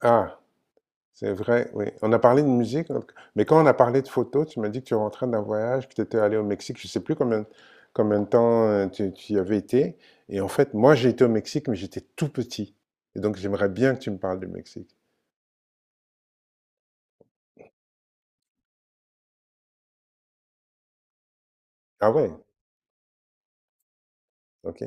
Ah, c'est vrai, oui. On a parlé de musique, mais quand on a parlé de photos, tu m'as dit que tu rentrais d'un voyage, que tu étais allé au Mexique, je ne sais plus combien de temps tu y avais été. Et en fait, moi, j'ai été au Mexique, mais j'étais tout petit. Et donc, j'aimerais bien que tu me parles du Mexique. Ah, ouais, ok,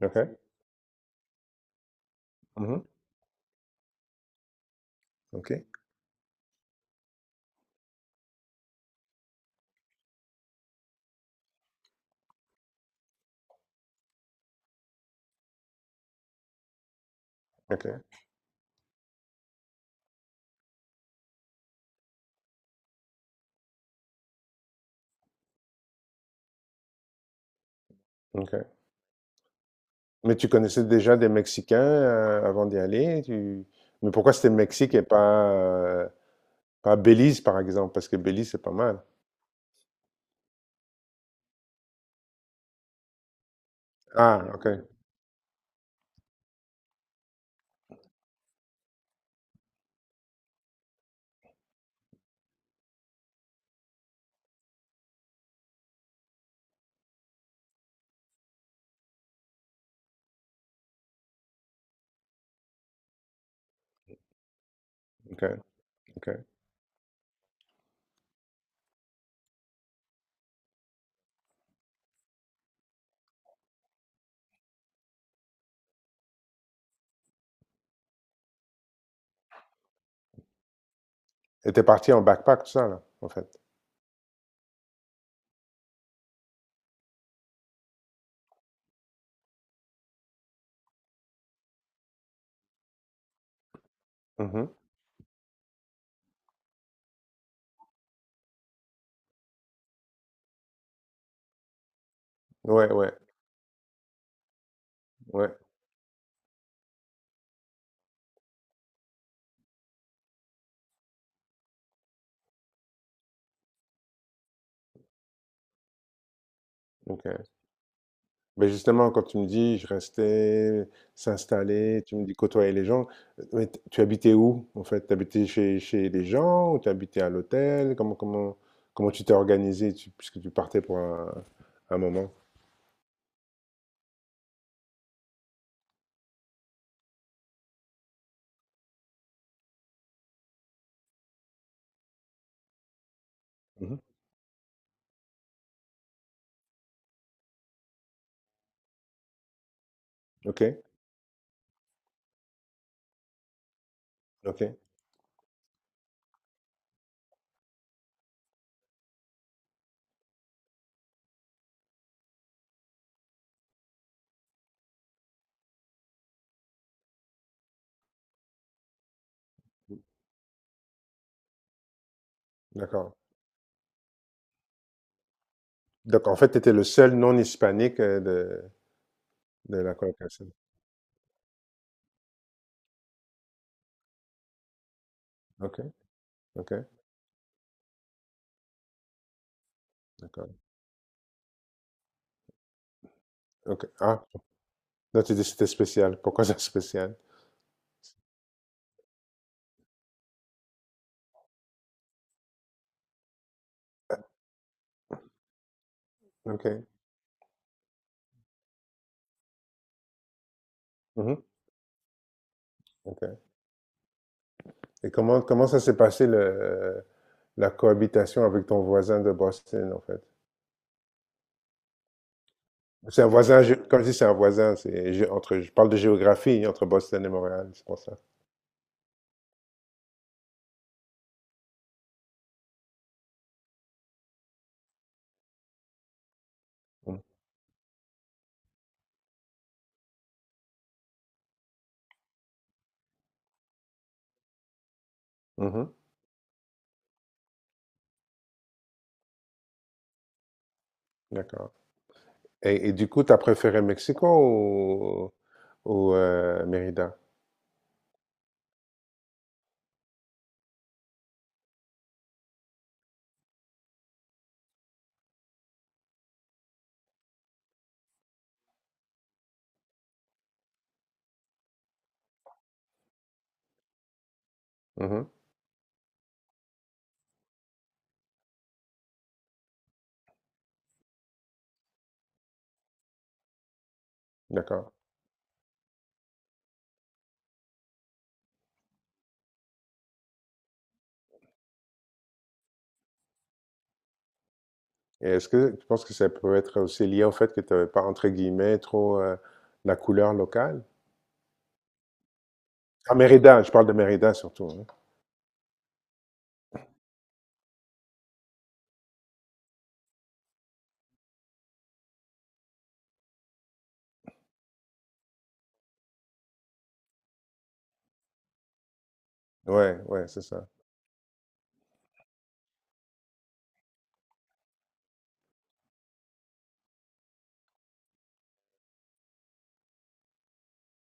ok, mhm, ok, ok, ok. Mais tu connaissais déjà des Mexicains avant d'y aller, mais pourquoi c'était Mexique et pas, pas Belize, par exemple? Parce que Belize, c'est pas mal. Ah, ok, ok, ok. Et t'es parti en backpack, tout ça, là, en fait. Mhm. Ouais, ouais, ouais. Ok. Mais justement, quand tu me dis, je restais, s'installer, tu me dis côtoyer les gens, mais tu habitais où, en fait? T'habitais chez, chez les gens ou t'habitais à l'hôtel? Comment tu t'es organisé, puisque tu partais pour un moment? Mhm. Ok, ok, d'accord. Donc, en fait, tu étais le seul non-hispanique de la colocation. Ok, ok, d'accord. Ok. Ah, non, tu dis que c'était spécial. Pourquoi c'est spécial? OK. Mmh. OK. Et comment ça s'est passé le la cohabitation avec ton voisin de Boston, en fait? C'est un voisin, comme je dis, c'est un voisin, entre, je parle de géographie, entre Boston et Montréal, c'est pour ça. Mm. Mhm. D'accord. Et du coup, tu as préféré Mexico ou, Mérida? Mhm. D'accord. Et est-ce que tu penses que ça peut être aussi lié au fait que tu n'avais pas, entre guillemets, trop la couleur locale? À Mérida, je parle de Mérida surtout. Hein. Ouais, ouais, c'est ça.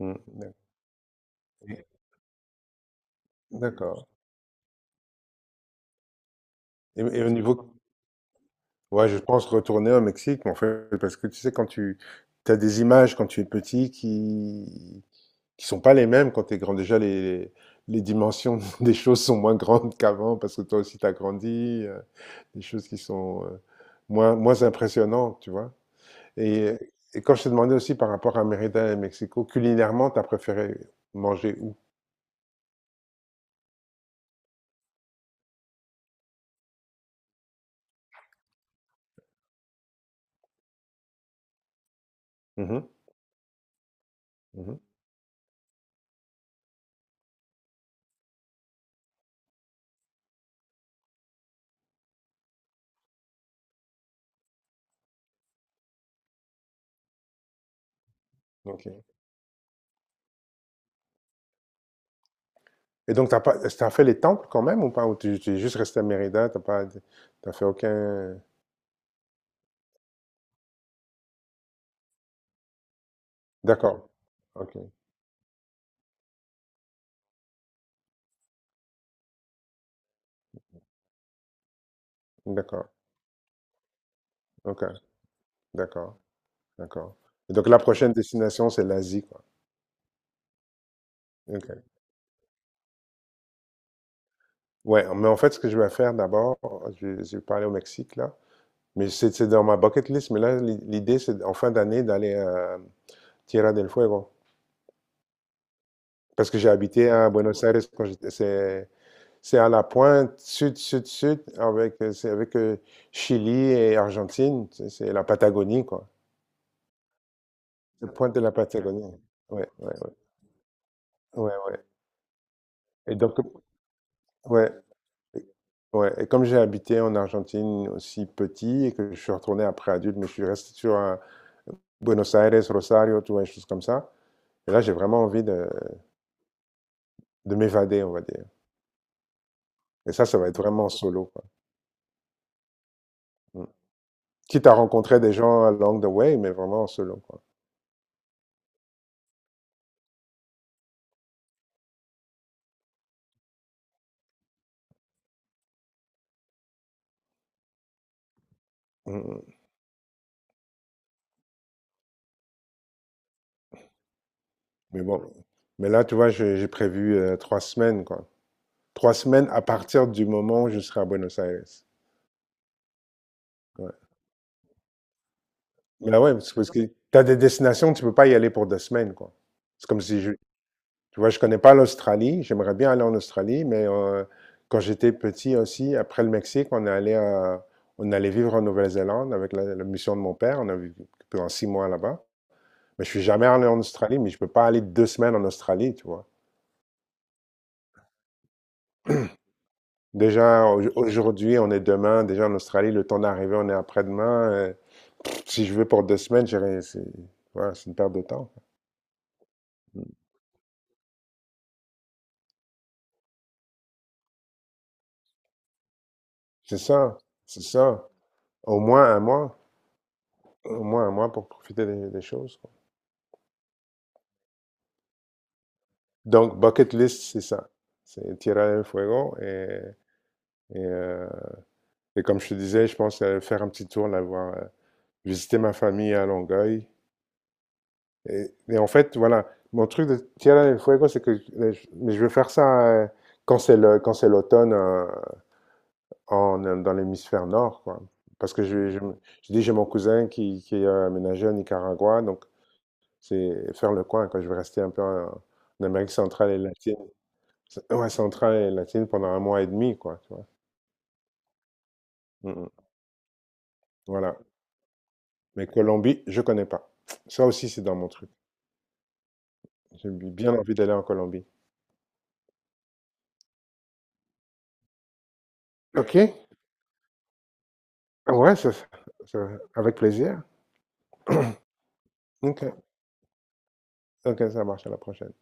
Mm. Et- D'accord. Et au niveau, ouais, je pense retourner au Mexique, mais en fait, parce que tu sais, quand tu as des images quand tu es petit qui sont pas les mêmes quand tu es grand. Déjà, les dimensions des choses sont moins grandes qu'avant parce que toi aussi tu as grandi. Des choses qui sont moins impressionnantes, tu vois. Et et quand je t'ai demandé aussi par rapport à Mérida et Mexico, culinairement, tu as préféré manger où? Mmh mh. Mmh. OK. Et donc t'as pas t'as fait les temples quand même ou pas? Ou tu es juste resté à Mérida. T'as fait aucun d'accord. OK. D'accord. OK. D'accord. D'accord. Et donc la prochaine destination, c'est l'Asie, quoi. OK. Ouais, mais en fait, ce que je vais faire d'abord, je vais parler au Mexique, là, mais c'est dans ma bucket list, mais là, l'idée, c'est en fin d'année d'aller à Tierra del Fuego. Parce que j'ai habité à Buenos Aires quand j'étais. C'est à la pointe sud, sud, sud, avec, c'est avec Chili et Argentine. C'est la Patagonie, quoi. La pointe de la Patagonie. Ouais, ouais, ouais. Ouais, ouais. Et donc, ouais. Ouais, et comme j'ai habité en Argentine aussi petit et que je suis retourné après adulte, mais je suis resté sur Buenos Aires, Rosario, tu vois, des choses comme ça. Et là, j'ai vraiment envie de m'évader, on va dire. Et ça va être vraiment solo, quoi. Mm. Quitte à rencontrer des gens along the way, mais vraiment en solo, quoi. Mmh mh. Mais bon, mais là, tu vois, j'ai prévu, 3 semaines, quoi. 3 semaines à partir du moment où je serai à Buenos Aires. Ouais. Bah, ouais, parce que tu as des destinations, tu peux pas y aller pour 2 semaines, quoi. C'est comme si je tu vois, je connais pas l'Australie, j'aimerais bien aller en Australie, mais quand j'étais petit aussi, après le Mexique, on est allé à on allait vivre en Nouvelle-Zélande avec la mission de mon père. On a vécu pendant 6 mois là-bas. Mais je suis jamais allé en Australie, mais je peux pas aller 2 semaines en Australie, tu vois? Déjà, aujourd'hui, on est demain. Déjà, en Australie, le temps d'arriver, on est après-demain. Pff, si je vais pour 2 semaines, j'ai rien- c'est voilà, c'est une perte de temps. C'est ça, c'est ça. Au moins un mois, au moins un mois pour profiter des choses. Quoi. Donc, bucket list, c'est ça. C'est Tierra del Fuego. Et, euh, et comme je te disais, je pense faire un petit tour, là, voir, visiter ma famille à Longueuil. Et en fait, voilà, mon truc de Tierra del Fuego, c'est que mais je veux faire ça quand c'est le, quand c'est l'automne en, dans l'hémisphère nord, quoi. Parce que je dis, j'ai mon cousin qui est aménagé au Nicaragua, donc c'est faire le coin, quand je vais rester un peu en, Amérique centrale et latine. Ouais, centrale et latine pendant un mois et demi, quoi, tu vois. Mm, mm. Voilà. Mais Colombie, je connais pas. Ça aussi, c'est dans mon truc. J'ai bien envie d'aller en Colombie. Ok. Ouais, ça- avec plaisir. Ok. OK, ça marche, à la prochaine.